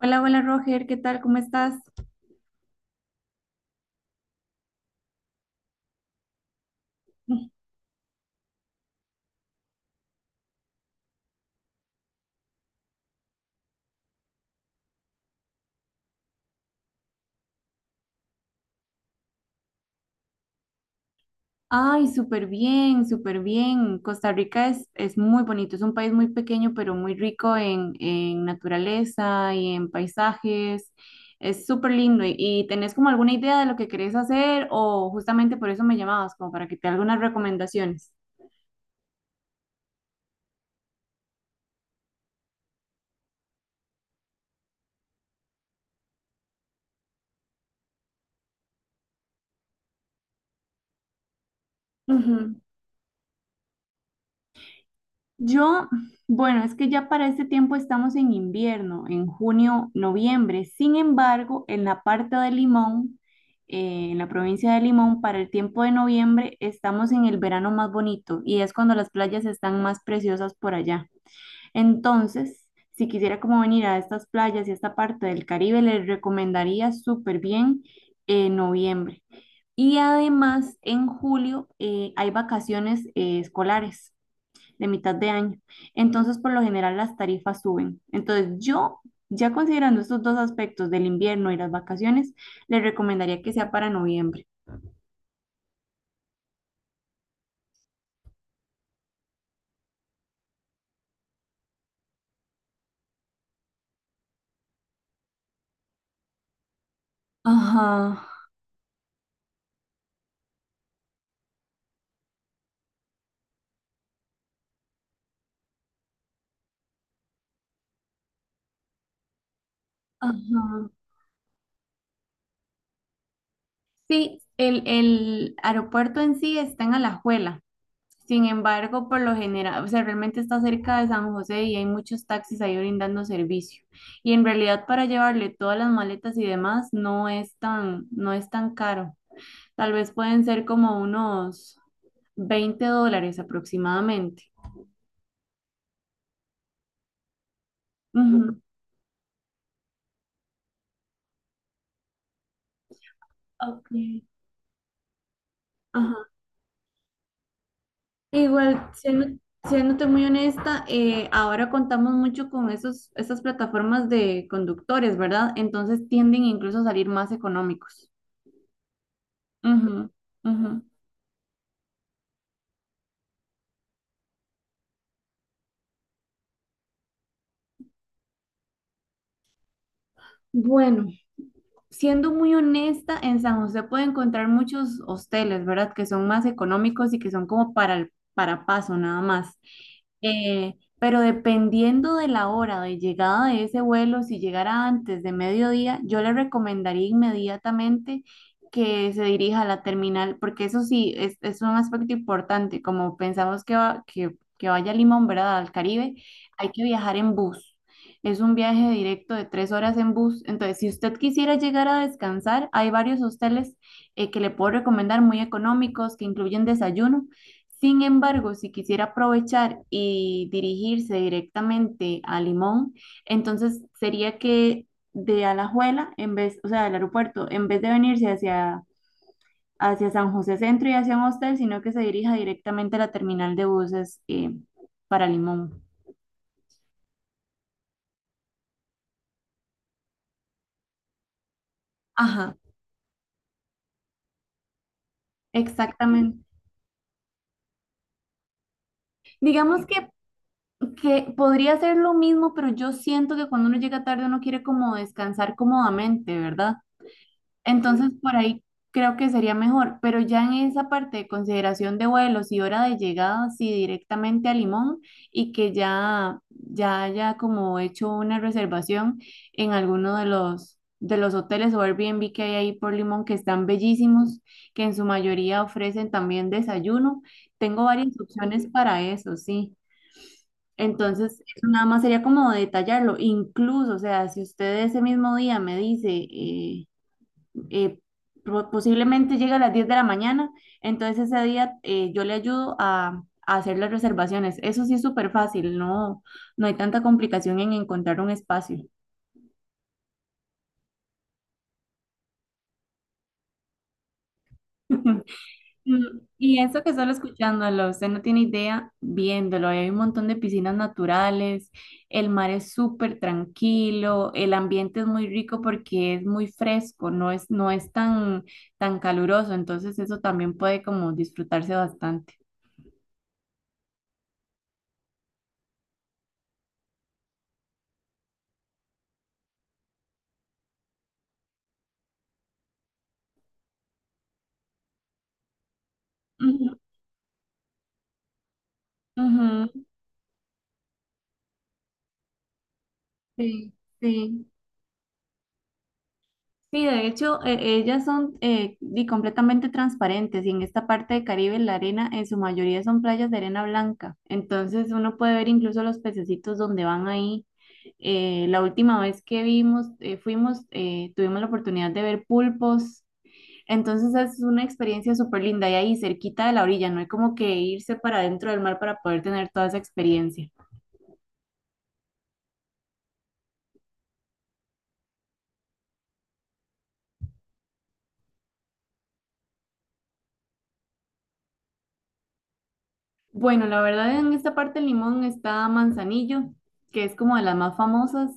Hola, hola Roger, ¿qué tal? ¿Cómo estás? Ay, súper bien, súper bien. Costa Rica es muy bonito, es un país muy pequeño, pero muy rico en naturaleza y en paisajes. Es súper lindo. ¿Y tenés como alguna idea de lo que querés hacer o justamente por eso me llamabas, como para que te dé algunas recomendaciones? Ujú. Yo, bueno, es que ya para este tiempo estamos en invierno, en junio, noviembre. Sin embargo, en la parte de Limón, en la provincia de Limón, para el tiempo de noviembre estamos en el verano más bonito y es cuando las playas están más preciosas por allá. Entonces, si quisiera como venir a estas playas y esta parte del Caribe, les recomendaría súper bien noviembre. Y además, en julio hay vacaciones escolares de mitad de año. Entonces, por lo general, las tarifas suben. Entonces, yo, ya considerando estos dos aspectos del invierno y las vacaciones, le recomendaría que sea para noviembre. Ajá, ajá. Sí, el aeropuerto en sí está en Alajuela. Sin embargo, por lo general, o sea, realmente está cerca de San José y hay muchos taxis ahí brindando servicio. Y en realidad para llevarle todas las maletas y demás no es tan caro. Tal vez pueden ser como unos 20 dólares aproximadamente. Ujú, ok, ajá. Igual, siéndote muy honesta, ahora contamos mucho con esas plataformas de conductores, ¿verdad? Entonces tienden incluso a salir más económicos. Ujú, ujú. Bueno, siendo muy honesta, en San José puede encontrar muchos hosteles, ¿verdad? Que son más económicos y que son como para el para paso nada más. Pero dependiendo de la hora de llegada de ese vuelo, si llegara antes de mediodía, yo le recomendaría inmediatamente que se dirija a la terminal, porque eso sí, es un aspecto importante. Como pensamos que, que vaya a Limón, ¿verdad? Al Caribe, hay que viajar en bus. Es un viaje directo de 3 horas en bus. Entonces, si usted quisiera llegar a descansar, hay varios hosteles que le puedo recomendar muy económicos, que incluyen desayuno. Sin embargo, si quisiera aprovechar y dirigirse directamente a Limón, entonces sería que de Alajuela, en vez, o sea, del aeropuerto, en vez de venirse hacia San José Centro y hacia un hostel, sino que se dirija directamente a la terminal de buses para Limón. Ajá, exactamente. Digamos que podría ser lo mismo, pero yo siento que cuando uno llega tarde uno quiere como descansar cómodamente, ¿verdad? Entonces, por ahí creo que sería mejor, pero ya en esa parte de consideración de vuelos y hora de llegada, sí, directamente a Limón y que ya haya como hecho una reservación en alguno de de los hoteles o Airbnb que hay ahí por Limón, que están bellísimos, que en su mayoría ofrecen también desayuno. Tengo varias opciones para eso, sí. Entonces, eso nada más sería como detallarlo. Incluso, o sea, si usted ese mismo día me dice... eh, posiblemente llega a las 10 de la mañana, entonces ese día yo le ayudo a hacer las reservaciones. Eso sí es súper fácil, no hay tanta complicación en encontrar un espacio. Mm, y eso que solo escuchándolo, usted no tiene idea viéndolo. Hay un montón de piscinas naturales, el mar es súper tranquilo, el ambiente es muy rico porque es muy fresco, no es tan, tan caluroso, entonces eso también puede como disfrutarse bastante. Ujú, ujú. Sí, sí. Sí, de hecho, ellas son completamente transparentes y en esta parte de Caribe la arena en su mayoría son playas de arena blanca. Entonces uno puede ver incluso los pececitos donde van ahí. La última vez que vimos, tuvimos la oportunidad de ver pulpos. Entonces es una experiencia súper linda y ahí cerquita de la orilla, no hay como que irse para dentro del mar para poder tener toda esa experiencia. Bueno, la verdad en esta parte del limón está Manzanillo, que es como de las más famosas.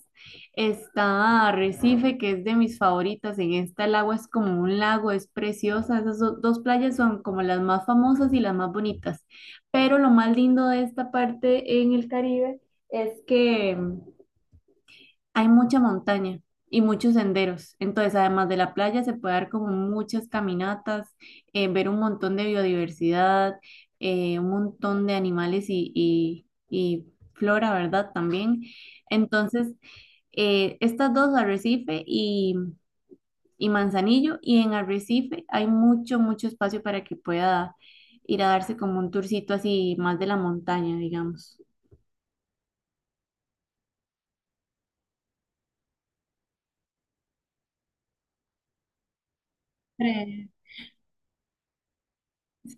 Está Arrecife, que es de mis favoritas. En esta el agua es como un lago, es preciosa. Esas dos playas son como las más famosas y las más bonitas. Pero lo más lindo de esta parte en el Caribe es que hay mucha montaña y muchos senderos. Entonces, además de la playa, se puede dar como muchas caminatas, ver un montón de biodiversidad, un montón de animales y flora, ¿verdad? También. Entonces, estas dos, Arrecife y Manzanillo, y en Arrecife hay mucho espacio para que pueda ir a darse como un tourcito así más de la montaña, digamos.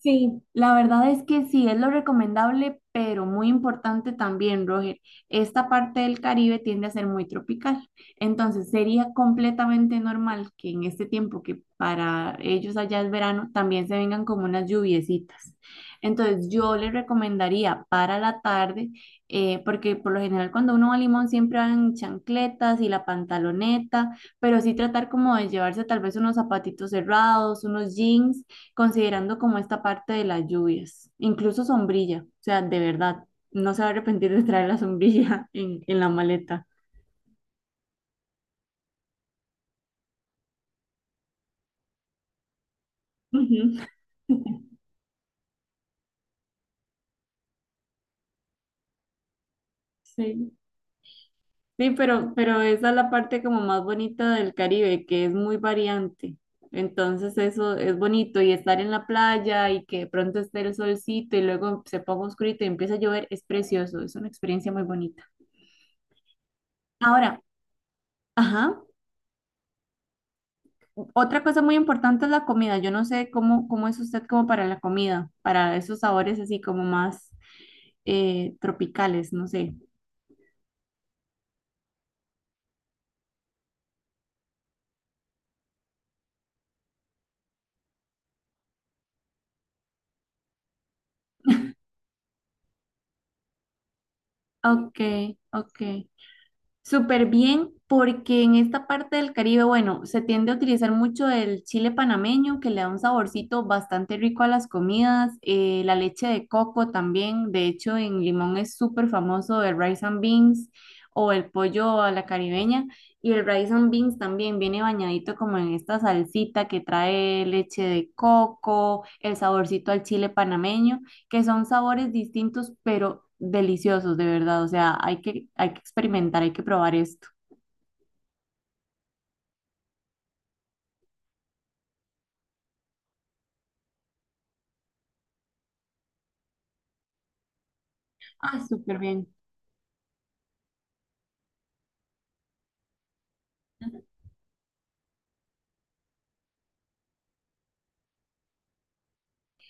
Sí, la verdad es que sí, es lo recomendable, pero muy importante también, Roger. Esta parte del Caribe tiende a ser muy tropical, entonces sería completamente normal que en este tiempo que para ellos allá es verano, también se vengan como unas lluviecitas. Entonces yo les recomendaría para la tarde, porque por lo general cuando uno va a Limón siempre van chancletas y la pantaloneta, pero sí tratar como de llevarse tal vez unos zapatitos cerrados, unos jeans considerando como esta parte de las lluvias, incluso sombrilla, o sea, de verdad, no se va a arrepentir de traer la sombrilla en la maleta. Ujú. Sí. Sí, pero esa es la parte como más bonita del Caribe, que es muy variante. Entonces eso es bonito y estar en la playa y que de pronto esté el solcito y luego se ponga oscurito y empieza a llover es precioso, es una experiencia muy bonita. Ahora, ajá. Otra cosa muy importante es la comida. Yo no sé cómo es usted como para la comida, para esos sabores así como más tropicales, no sé. Ok, ok. Súper bien, porque en esta parte del Caribe, bueno, se tiende a utilizar mucho el chile panameño, que le da un saborcito bastante rico a las comidas, la leche de coco también, de hecho en Limón es súper famoso el rice and beans o el pollo a la caribeña, y el rice and beans también viene bañadito como en esta salsita que trae leche de coco, el saborcito al chile panameño que son sabores distintos, pero deliciosos, de verdad. O sea, hay que experimentar, hay que probar esto. Ah, súper bien.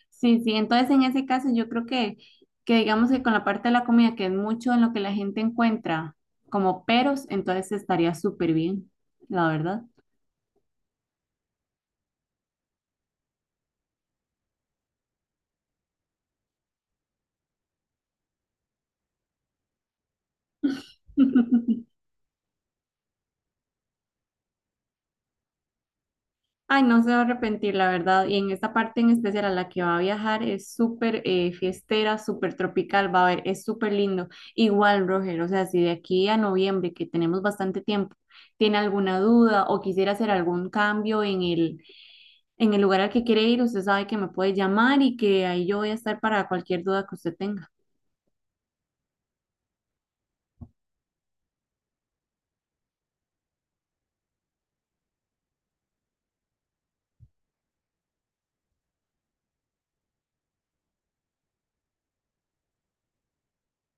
Sí, sí, entonces en ese caso yo creo que digamos que con la parte de la comida, que es mucho en lo que la gente encuentra como peros, entonces estaría súper bien, la verdad. Ay, no se va a arrepentir, la verdad. Y en esta parte en especial a la que va a viajar es súper fiestera, súper tropical, va a ver, es súper lindo. Igual, Roger, o sea, si de aquí a noviembre, que tenemos bastante tiempo, tiene alguna duda o quisiera hacer algún cambio en en el lugar al que quiere ir, usted sabe que me puede llamar y que ahí yo voy a estar para cualquier duda que usted tenga.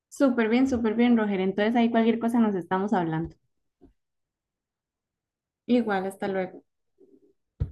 Súper bien, Roger. Entonces ahí cualquier cosa nos estamos hablando. Igual, hasta luego.